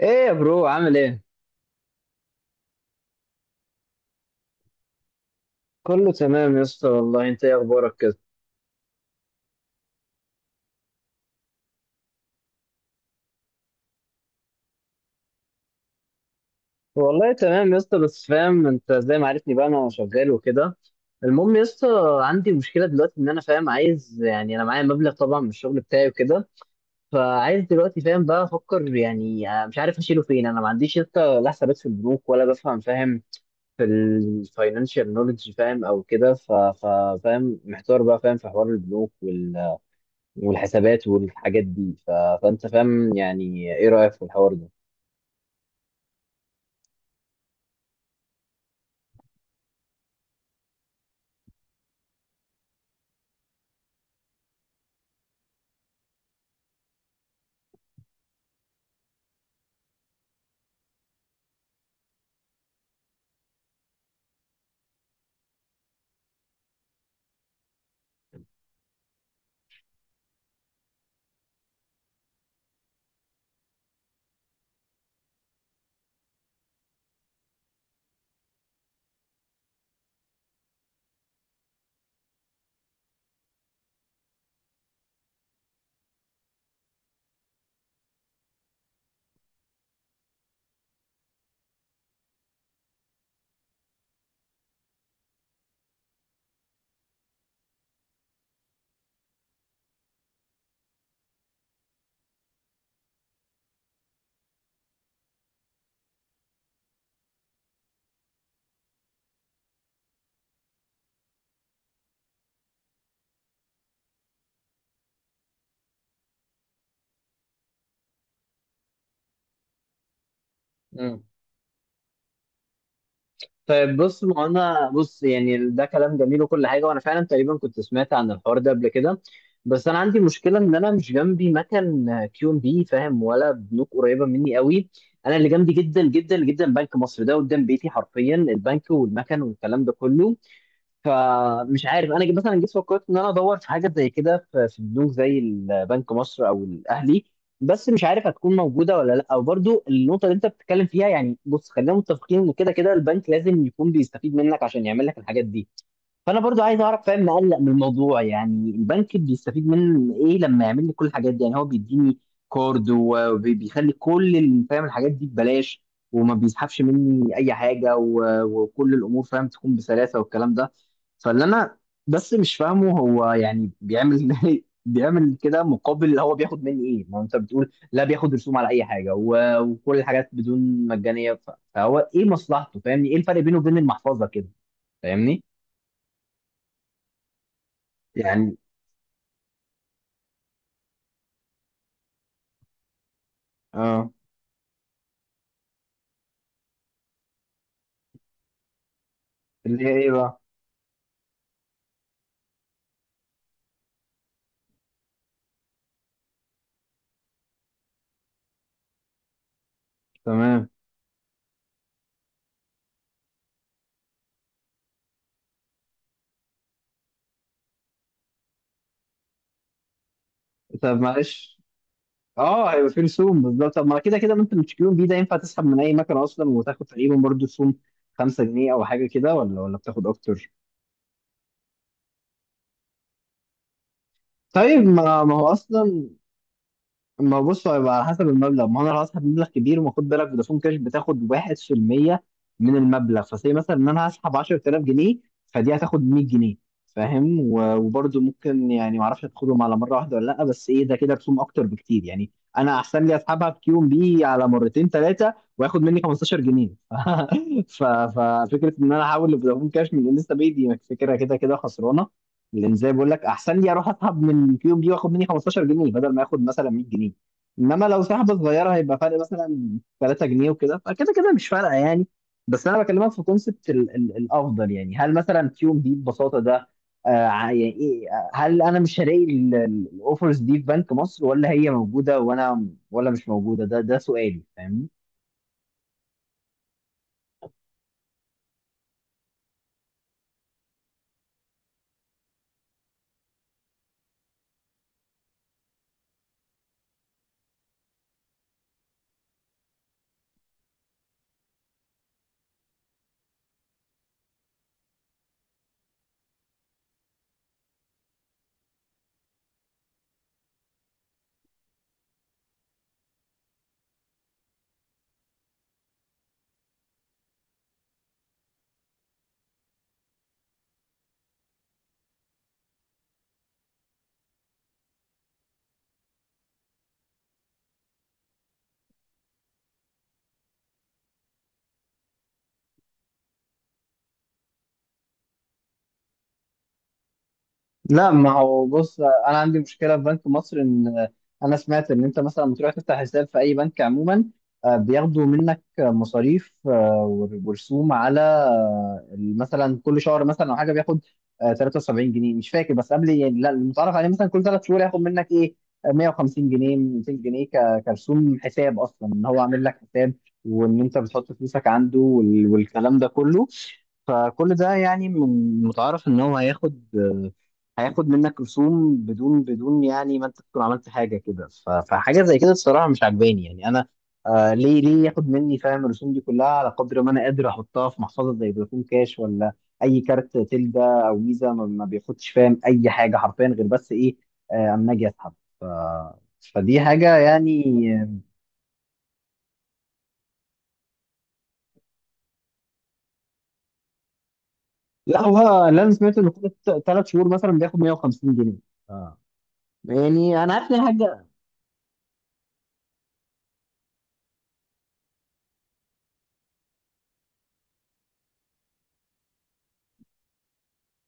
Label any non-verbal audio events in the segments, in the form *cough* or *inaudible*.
ايه يا برو عامل ايه؟ كله تمام يا اسطى والله. انت ايه اخبارك كده؟ والله تمام يا اسطى، بس فاهم انت زي ما عرفني بقى انا شغال وكده. المهم يا اسطى، عندي مشكله دلوقتي ان انا فاهم عايز يعني انا معايا مبلغ طبعا من الشغل بتاعي وكده، فعايز دلوقتي فاهم بقى افكر يعني مش عارف اشيله فين. انا ما عنديش يا اسطى لا حسابات في البنوك ولا بفهم فاهم في الفاينانشال نولج فاهم او كده، فاهم محتار بقى فاهم في حوار البنوك والحسابات والحاجات دي فانت فاهم يعني ايه رايك في الحوار ده؟ مم. طيب بص، ما انا بص يعني ده كلام جميل وكل حاجه وانا فعلا تقريبا كنت سمعت عن الحوار ده قبل كده. بس انا عندي مشكله ان انا مش جنبي مكان كيو ام بي فاهم ولا بنوك قريبه مني قوي. انا اللي جنبي جدا جدا جدا بنك مصر، ده قدام بيتي حرفيا البنك والمكن والكلام ده كله. فمش عارف انا مثلا جيت فكرت ان انا ادور في حاجه زي كده في بنوك زي البنك مصر او الاهلي، بس مش عارف هتكون موجوده ولا لا. وبرضو النقطه اللي انت بتتكلم فيها يعني بص، خلينا متفقين ان كده كده البنك لازم يكون بيستفيد منك عشان يعمل لك الحاجات دي. فانا برضو عايز اعرف فاهم مقلق من الموضوع، يعني البنك بيستفيد من ايه لما يعمل لي كل الحاجات دي؟ يعني هو بيديني كارد وبيخلي كل فاهم الحاجات دي ببلاش، وما بيسحبش مني اي حاجه وكل الامور فاهم تكون بسلاسه والكلام ده. فاللي انا بس مش فاهمه هو يعني بيعمل *laughs* بيعمل كده مقابل اللي هو بياخد مني ايه؟ ما هو انت بتقول لا بياخد رسوم على اي حاجه وكل الحاجات بدون مجانيه، فهو ايه مصلحته فاهمني؟ ايه الفرق بينه وبين المحفظه كده فاهمني؟ يعني اه. اللي هي ايه بقى؟ تمام. طب معلش، اه هيبقى في رسوم بالظبط. طب ما كده كده ما انت بتشتريهم بيه، ده ينفع تسحب من اي مكنه اصلا وتاخد تقريبا برضه رسوم 5 جنيه او حاجه كده، ولا ولا بتاخد اكتر؟ طيب، ما هو اصلا ما بص، هيبقى على حسب المبلغ. ما انا لو هسحب مبلغ كبير، وخد بالك فودافون كاش بتاخد 1% من المبلغ، فسي مثلا ان انا هسحب 10000 جنيه، فدي هتاخد 100 جنيه فاهم. وبرضه ممكن يعني ما اعرفش هتاخدهم على مره واحده ولا لا، بس ايه ده كده رسوم اكتر بكتير يعني. انا احسن لي اسحبها في كيو ام بي على مرتين ثلاثه واخد مني 15 جنيه *laughs* ففكره ان انا احول لفودافون كاش من انستا باي دي فكره كده كده خسرانه. لان زي بقول لك احسن لي اروح اسحب من الكيوب دي واخد مني 15 جنيه بدل ما اخد مثلا 100 جنيه. انما لو سحبه صغيره هيبقى فرق مثلا 3 جنيه وكده، فكده كده مش فارقه يعني. بس انا بكلمك في كونسبت الافضل يعني، هل مثلا كيوب دي ببساطه ده آه يعني ايه، هل انا مش هلاقي الاوفرز دي في بنك مصر، ولا هي موجوده وانا ولا مش موجوده؟ ده ده سؤالي فاهمني. لا ما هو بص، انا عندي مشكله في بنك مصر ان انا سمعت ان انت مثلا لما تروح تفتح حساب في اي بنك عموما، بياخدوا منك مصاريف ورسوم على مثلا كل شهر مثلا او حاجه بياخد 73 جنيه مش فاكر، بس قبل يعني لا المتعارف عليه مثلا كل ثلاث شهور ياخد منك ايه 150 جنيه 200 جنيه كرسوم حساب اصلا ان هو عامل لك حساب وان انت بتحط فلوسك عنده والكلام ده كله. فكل ده يعني متعارف ان هو هياخد هياخد منك رسوم بدون بدون يعني ما انت تكون عملت حاجه كده، فحاجه زي كده الصراحه مش عجباني يعني انا. آه ليه ليه ياخد مني فاهم الرسوم دي كلها، على قدر ما انا قادر احطها في محفظه زي فودافون كاش ولا اي كارت تلدا او فيزا ما بياخدش فاهم اي حاجه حرفيا غير بس ايه اما اجي اسحب ف... فدي حاجه يعني. لا هو اللي انا سمعت انه كل ثلاث شهور مثلا بياخد 150 جنيه. آه. يعني انا عارف ان هي حاجه.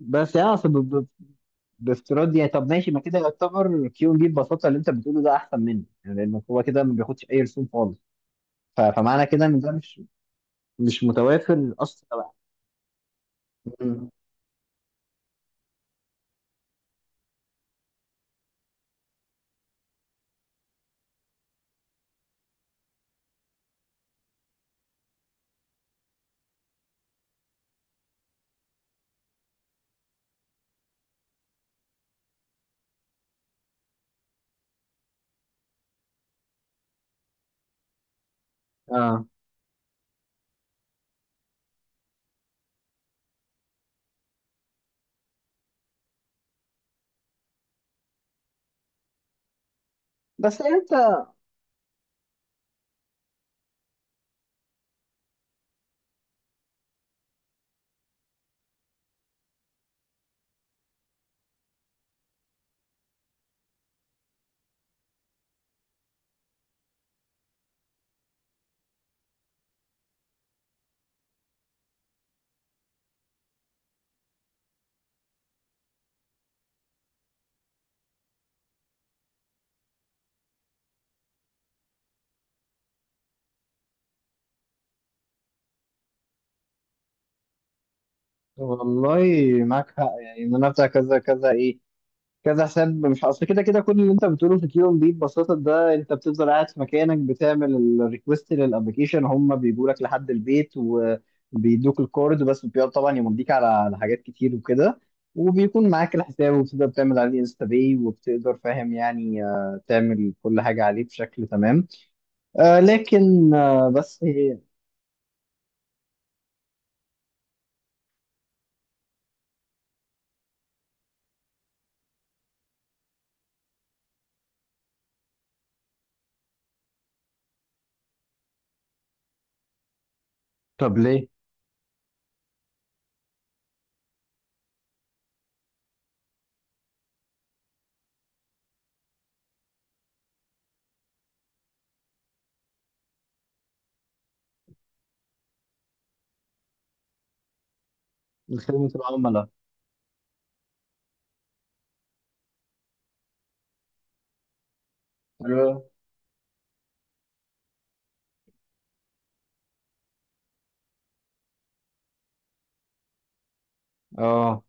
بس يعني بافتراض يعني، طب ماشي، ما كده يعتبر كيو ام بي ببساطه اللي انت بتقوله ده احسن منه يعني، لان هو كده ما بياخدش اي رسوم خالص، فمعنى كده ان ده مش مش متوافر اصلا بقى. مم. اه بس انت والله معاك حق. يعني ان انا بتاع كذا كذا ايه كذا حساب، مش اصل كده كده كل اللي انت بتقوله في كيون بي ببساطه ده، انت بتفضل قاعد في مكانك بتعمل الريكوست للابلكيشن، هم بيجوا لك لحد البيت وبيدوك الكورد، بس بيقعد طبعا يمضيك على على حاجات كتير وكده، وبيكون معاك الحساب وبتقدر تعمل عليه انستا باي وبتقدر فاهم يعني تعمل كل حاجه عليه بشكل تمام. آه لكن آه بس هي. طب ليه؟ خدمه العملاء. اه. آه.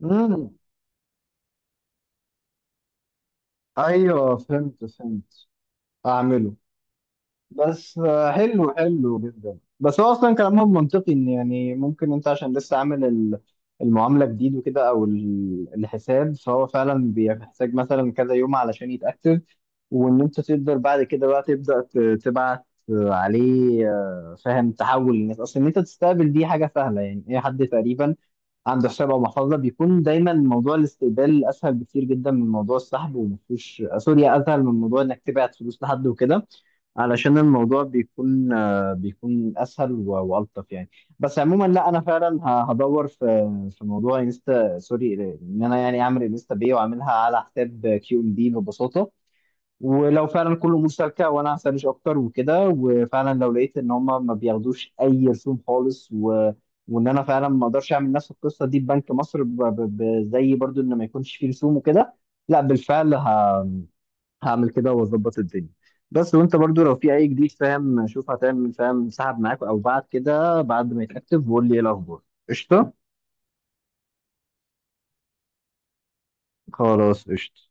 مم. ايوه فهمت فهمت. اعمله. بس حلو حلو جدا، بس هو اصلا كلامهم منطقي ان يعني ممكن انت عشان لسه عامل المعامله جديد وكده او الحساب، فهو فعلا بيحتاج مثلا كذا يوم علشان يتاكتف وان انت تقدر بعد كده بقى تبدا تبعت عليه. فاهم تحول الناس. اصلا ان انت تستقبل دي حاجه سهله يعني، اي حد تقريبا عنده حساب او محفظه بيكون دايما موضوع الاستقبال اسهل بكتير جدا من موضوع السحب، ومفيش سوري اسهل من موضوع انك تبعت فلوس لحد وكده، علشان الموضوع بيكون بيكون اسهل والطف يعني. بس عموما لا انا فعلا هدور في في موضوع انستا سوري ان انا يعني اعمل انستا باي واعملها على حساب كيو ام دي ببساطه، ولو فعلا كله مشتركه وانا هسرش اكتر وكده، وفعلا لو لقيت ان هم ما بياخدوش اي رسوم خالص و وان انا فعلا ما اقدرش اعمل نفس القصه دي ببنك مصر زي برضو ان ما يكونش فيه رسوم وكده، لا بالفعل هعمل كده واظبط الدنيا. بس وانت برضو لو في اي جديد فاهم شوف هتعمل فاهم سحب معاك او بعد كده بعد ما يتاكتف وقول لي ايه الاخبار. قشطه. خلاص قشطه.